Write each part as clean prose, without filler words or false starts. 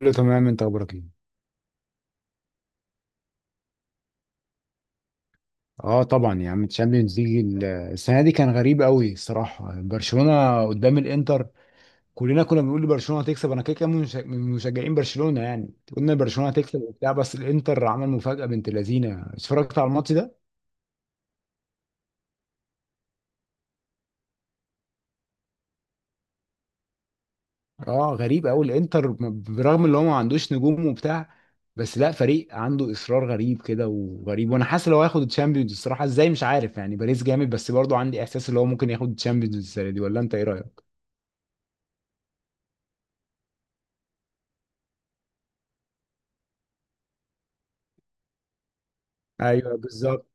كله تمام، انت اخبارك ايه؟ اه طبعا يا عم، الشامبيونز ليج السنه دي كان غريب قوي الصراحه. برشلونه قدام الانتر، كلنا كنا بنقول برشلونه هتكسب، انا كده كده من من مشجعين برشلونه يعني، قلنا برشلونه هتكسب وبتاع، بس الانتر عمل مفاجاه بنت لذينه. اتفرجت على الماتش ده؟ اه غريب قوي الانتر، برغم ان هو ما عندوش نجوم وبتاع، بس لا فريق عنده اصرار غريب كده وغريب، وانا حاسس لو هياخد الشامبيونز الصراحه، ازاي مش عارف يعني، باريس جامد بس برضه عندي احساس ان هو ممكن ياخد الشامبيونز السنه دي، ولا انت ايه رايك؟ ايوه بالظبط.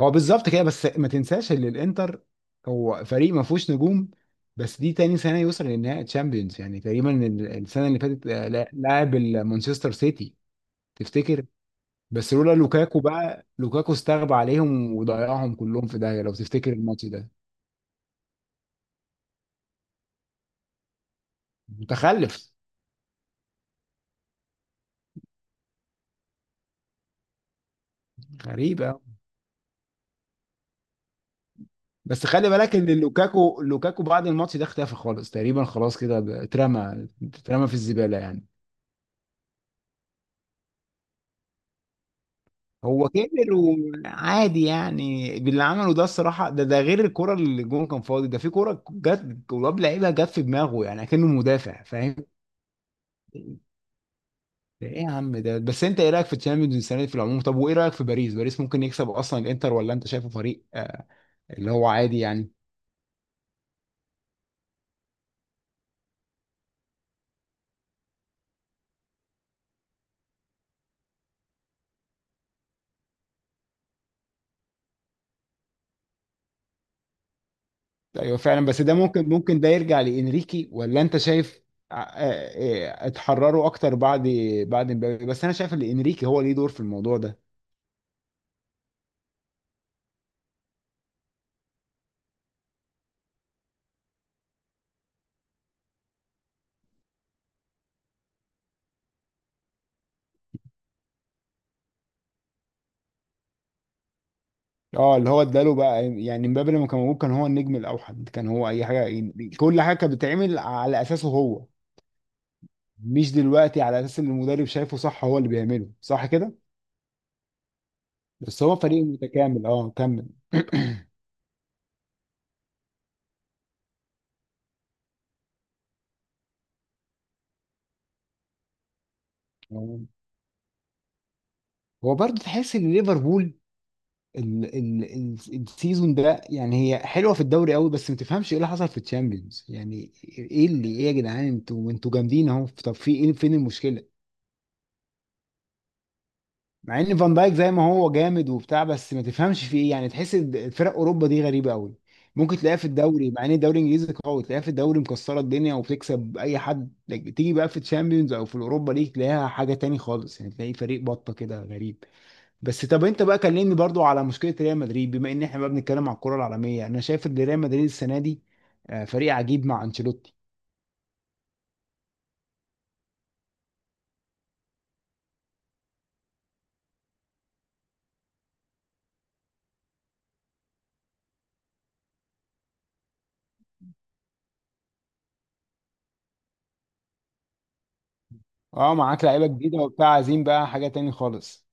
هو بالظبط كده، بس ما تنساش ان الانتر هو فريق ما فيهوش نجوم، بس دي تاني سنه يوصل لنهائي تشامبيونز، يعني تقريبا السنه اللي فاتت لعب مانشستر سيتي. تفتكر، بس لولا لوكاكو بقى، لوكاكو استغبى عليهم وضيعهم كلهم في داهيه، لو تفتكر الماتش ده. متخلف. غريب أوي. بس خلي بالك ان لوكاكو، لوكاكو بعد الماتش ده اختفى خالص تقريبا، خلاص كده اترمى، اترمى في الزباله يعني. هو كبر وعادي يعني، باللي عمله ده الصراحه، ده ده غير الكره اللي الجون كان فاضي، ده في كره جت ولاب لعيبه جت في دماغه يعني، كأنه مدافع فاهم. ده ايه يا عم ده؟ بس انت ايه رايك في تشامبيونز السنه دي في العموم؟ طب وايه رايك في باريس؟ باريس ممكن يكسب اصلا الانتر، ولا انت شايفه فريق آه اللي هو عادي يعني. ايوه فعلا، بس ده ممكن، ممكن ده يرجع لانريكي، ولا انت شايف؟ آه آه اتحرروا اكتر بعد، بعد مبابي، بس انا شايف ان انريكي هو ليه دور في الموضوع ده. اه اللي هو اداله بقى يعني، مبابي لما كان موجود كان هو النجم الاوحد، كان هو اي حاجه يعني، كل حاجه كانت بتتعمل على اساسه هو، مش دلوقتي على اساس اللي المدرب شايفه صح هو اللي بيعمله صح كده. بس هو فريق متكامل، اه كمل. تمام. هو برضه تحس ان ليفربول ال السيزون ده، يعني هي حلوه في الدوري قوي، بس ما تفهمش ايه اللي حصل في الشامبيونز يعني، ايه اللي ايه يا جدعان، انتوا جامدين اهو، طب في ايه فين المشكله؟ مع ان فان دايك زي ما هو جامد وبتاع، بس ما تفهمش في ايه يعني، تحس إن فرق اوروبا دي غريبه قوي، ممكن تلاقيها في الدوري، مع ان الدوري الانجليزي قوي، تلاقيها في الدوري مكسره الدنيا وبتكسب اي حد، تيجي بقى في تشامبيونز او في الاوروبا ليج، تلاقيها حاجه تاني خالص يعني، تلاقي فريق بطه كده غريب. بس طب انت بقى كلمني برضو على مشكله ريال مدريد، بما ان احنا بقى بنتكلم على الكره العالميه، انا شايف ان ريال مدريد السنه دي فريق عجيب مع انشيلوتي. اه معاك لعيبه جديده وبتاع، عايزين بقى حاجه تاني خالص.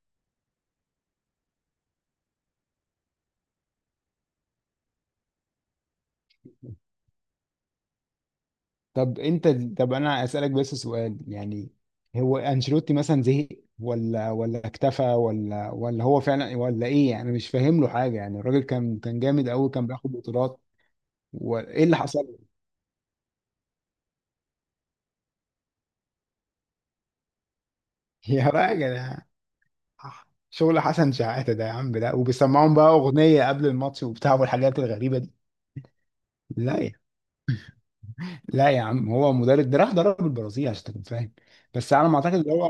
طب انت طب انا اسالك بس سؤال يعني، هو انشيلوتي مثلا زهق، ولا ولا اكتفى، ولا ولا هو فعلا، ولا ايه يعني؟ أنا مش فاهم له حاجه يعني، الراجل كان جامد قوي، كان بياخد بطولات، وايه اللي حصل له؟ يا راجل، شغل حسن شحاته ده يا عم ده، وبيسمعهم بقى اغنيه قبل الماتش وبتاع والحاجات الغريبه دي. لا لا يا عم، هو مدرب ده راح درب البرازيل عشان تكون فاهم، بس على ما اعتقد اللي هو،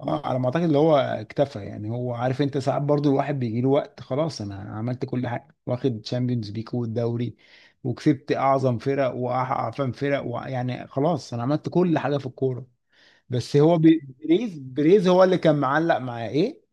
اه على ما اعتقد اللي هو اكتفى يعني، هو عارف، انت ساعات برضو الواحد بيجي له وقت، خلاص انا عملت كل حاجه، واخد تشامبيونز ليج والدوري، وكسبت اعظم فرق واعفن فرق و... يعني خلاص انا عملت كل حاجه في الكوره. بس هو بريز، بريز هو اللي كان معلق معاه ايه؟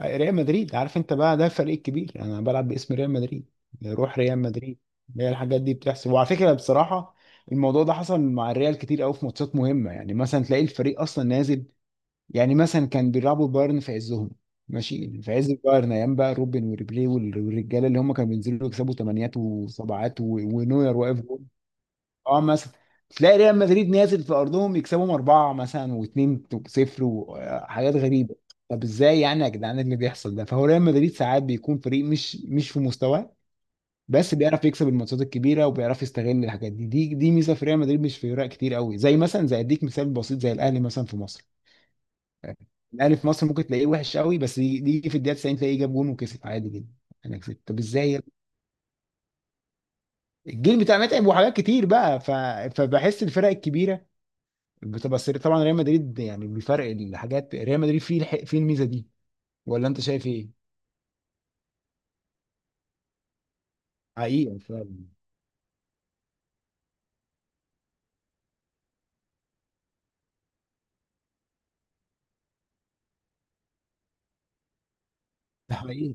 ريال مدريد، عارف انت بقى، ده الفريق الكبير، انا بلعب باسم ريال مدريد، روح ريال مدريد. هي الحاجات دي بتحصل، وعلى فكره بصراحه الموضوع ده حصل مع الريال كتير قوي في ماتشات مهمه، يعني مثلا تلاقي الفريق اصلا نازل، يعني مثلا كان بيلعبوا بايرن في عزهم، ماشي في عز البايرن، ايام بقى روبن وريبيري والرجاله، اللي هم كانوا بينزلوا يكسبوا ثمانيات وسبعات ونوير واقف، اه مثلا، تلاقي ريال مدريد نازل في ارضهم يكسبهم اربعه مثلا واتنين صفر وحاجات غريبه. طب ازاي يعني يا جدعان؟ إيه اللي بيحصل ده؟ فهو ريال مدريد ساعات بيكون فريق مش في مستواه، بس بيعرف يكسب الماتشات الكبيره، وبيعرف يستغل الحاجات دي، دي ميزه في ريال مدريد مش في فرق كتير قوي، زي مثلا، زي اديك مثال بسيط، زي الاهلي مثلا في مصر. الاهلي في مصر ممكن تلاقيه وحش قوي، بس يجي، يجي في الدقيقه 90 تلاقيه جاب جون وكسب عادي جدا. انا كسبت، طب ازاي يا ابني؟ الجيل بتاع متعب، وحاجات كتير بقى ف... فبحس الفرق الكبيره بتبقى سري طبعا، ريال مدريد يعني بيفرق الحاجات، ريال مدريد فيه فيه الميزه دي، ولا انت شايف ايه؟ حقيقه فعلا. ده حقيقي.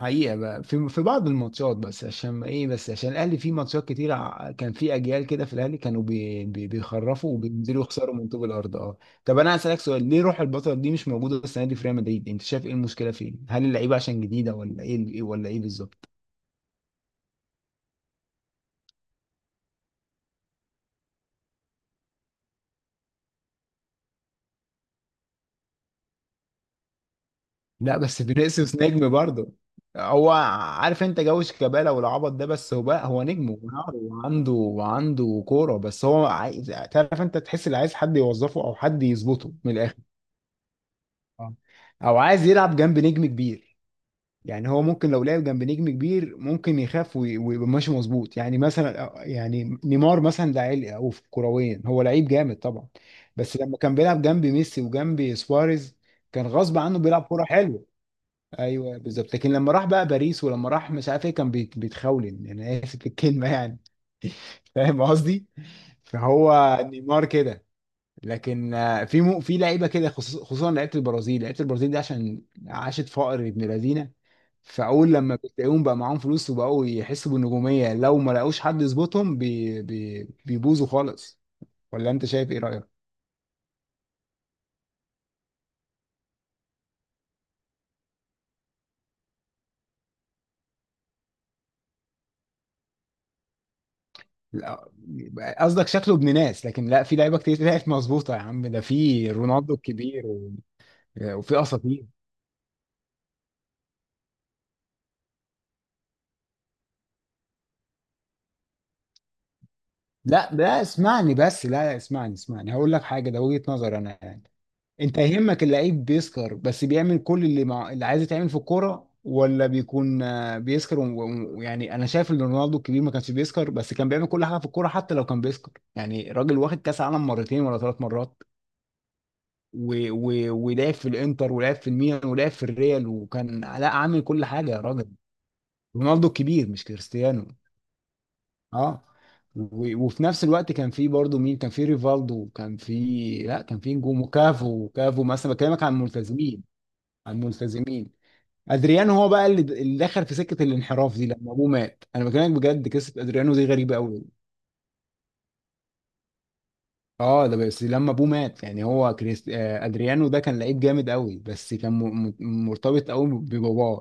حقيقه بقى في في بعض الماتشات، بس عشان ايه؟ بس عشان الاهلي فيه ماتشات كتير، كان فيه اجيال كده في الاهلي كانوا بي بيخرفوا وبينزلوا يخسروا من طوب الارض اه. طب انا هسالك سؤال، ليه روح البطل دي مش موجوده السنه دي في ريال مدريد؟ انت شايف ايه المشكله فين؟ هل اللعيبه عشان جديده ولا ايه، ولا ايه بالظبط؟ لا بس فينيسيوس نجم برضه، هو عارف انت جو شيكابالا والعبط ده، بس هو بقى، هو نجم ونار وعنده وعنده كوره، بس هو عايز، تعرف انت تحس اللي عايز حد يوظفه او حد يظبطه من الاخر. اه. او عايز يلعب جنب نجم كبير، يعني هو ممكن لو لعب جنب نجم كبير ممكن يخاف ويبقى ماشي مظبوط، يعني مثلا يعني نيمار مثلا ده عيل او في كرويا، هو لعيب جامد طبعا، بس لما كان بيلعب جنب ميسي وجنب سواريز كان غصب عنه بيلعب كوره حلوه. ايوه بالظبط، لكن لما راح بقى باريس ولما راح مش عارف ايه، كان بيتخولن يعني، انا اسف في الكلمه يعني، فاهم قصدي، فهو نيمار كده. لكن آه، في مو في لعيبه كده خصوصا لعيبه البرازيل، لعيبه البرازيل دي عشان عاشت فقر ابن لذينه، فاول لما بتلاقيهم بقى معاهم فلوس وبقوا يحسوا بالنجوميه، لو ما لقوش حد يظبطهم بي بيبوظوا خالص، ولا انت شايف ايه رايك؟ لا قصدك شكله ابن ناس، لكن لا في لعيبه كتير طلعت مظبوطه يا عم، ده في رونالدو الكبير، وفي اساطير. لا لا اسمعني بس، لا لا اسمعني، اسمعني هقول لك حاجه، ده وجهه نظر انا يعني، انت يهمك اللعيب بيسكر، بس بيعمل كل اللي مع... اللي عايز يتعمل في الكوره، ولا بيكون آه، بيسكر و- و- يعني، انا شايف ان رونالدو الكبير ما كانش بيسكر، بس كان بيعمل كل حاجه في الكوره، حتى لو كان بيسكر يعني، راجل واخد كاس عالم مرتين ولا ثلاث مرات و... و... ولعب في الانتر، ولعب في الميلان، ولعب في الريال، وكان لا عامل كل حاجه يا راجل. رونالدو الكبير مش كريستيانو. اه و- وفي نفس الوقت كان في برضه مين؟ كان في ريفالدو، وكان في، لا كان في نجوم، وكافو، كافو مثلا بكلمك عن الملتزمين، عن الملتزمين. ادريانو هو بقى اللي دخل في سكه الانحراف دي لما ابوه مات، انا بكلمك بجد قصه ادريانو دي غريبه قوي. اه ده بس لما ابوه مات يعني، هو كريست... آه، ادريانو ده كان لعيب جامد قوي، بس كان م... مرتبط قوي بباباه،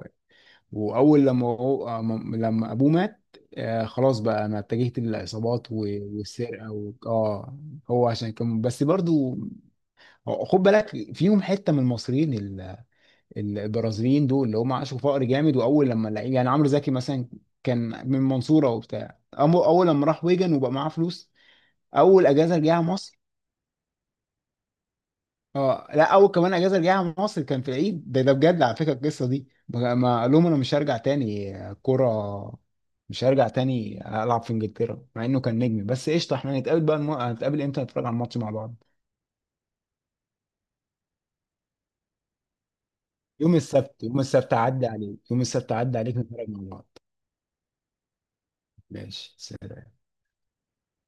واول لما هو م- لما ابوه مات، آه خلاص بقى انا اتجهت للعصابات و- والسرقه و... اه. هو عشان كان بس برضو هو- خد بالك فيهم حته من المصريين البرازيليين دول اللي هم عاشوا فقر جامد، واول لما لقي، يعني عمرو زكي مثلا كان من المنصوره وبتاع، اول لما راح ويجن وبقى معاه فلوس، اول اجازه رجع مصر. اه لا اول كمان اجازه رجعها مصر كان في العيد ده، ده بجد على فكره القصه دي، بقى- ما قال لهم انا مش هرجع تاني كوره، مش هرجع تاني العب في انجلترا مع انه كان نجم، بس قشطه، احنا هنتقابل بقى الم... هنتقابل امتى نتفرج على الماتش مع بعض؟ يوم السبت، يوم السبت عدى عليك، يوم السبت عدى عليك نتفرج مع بعض. ماشي سلام.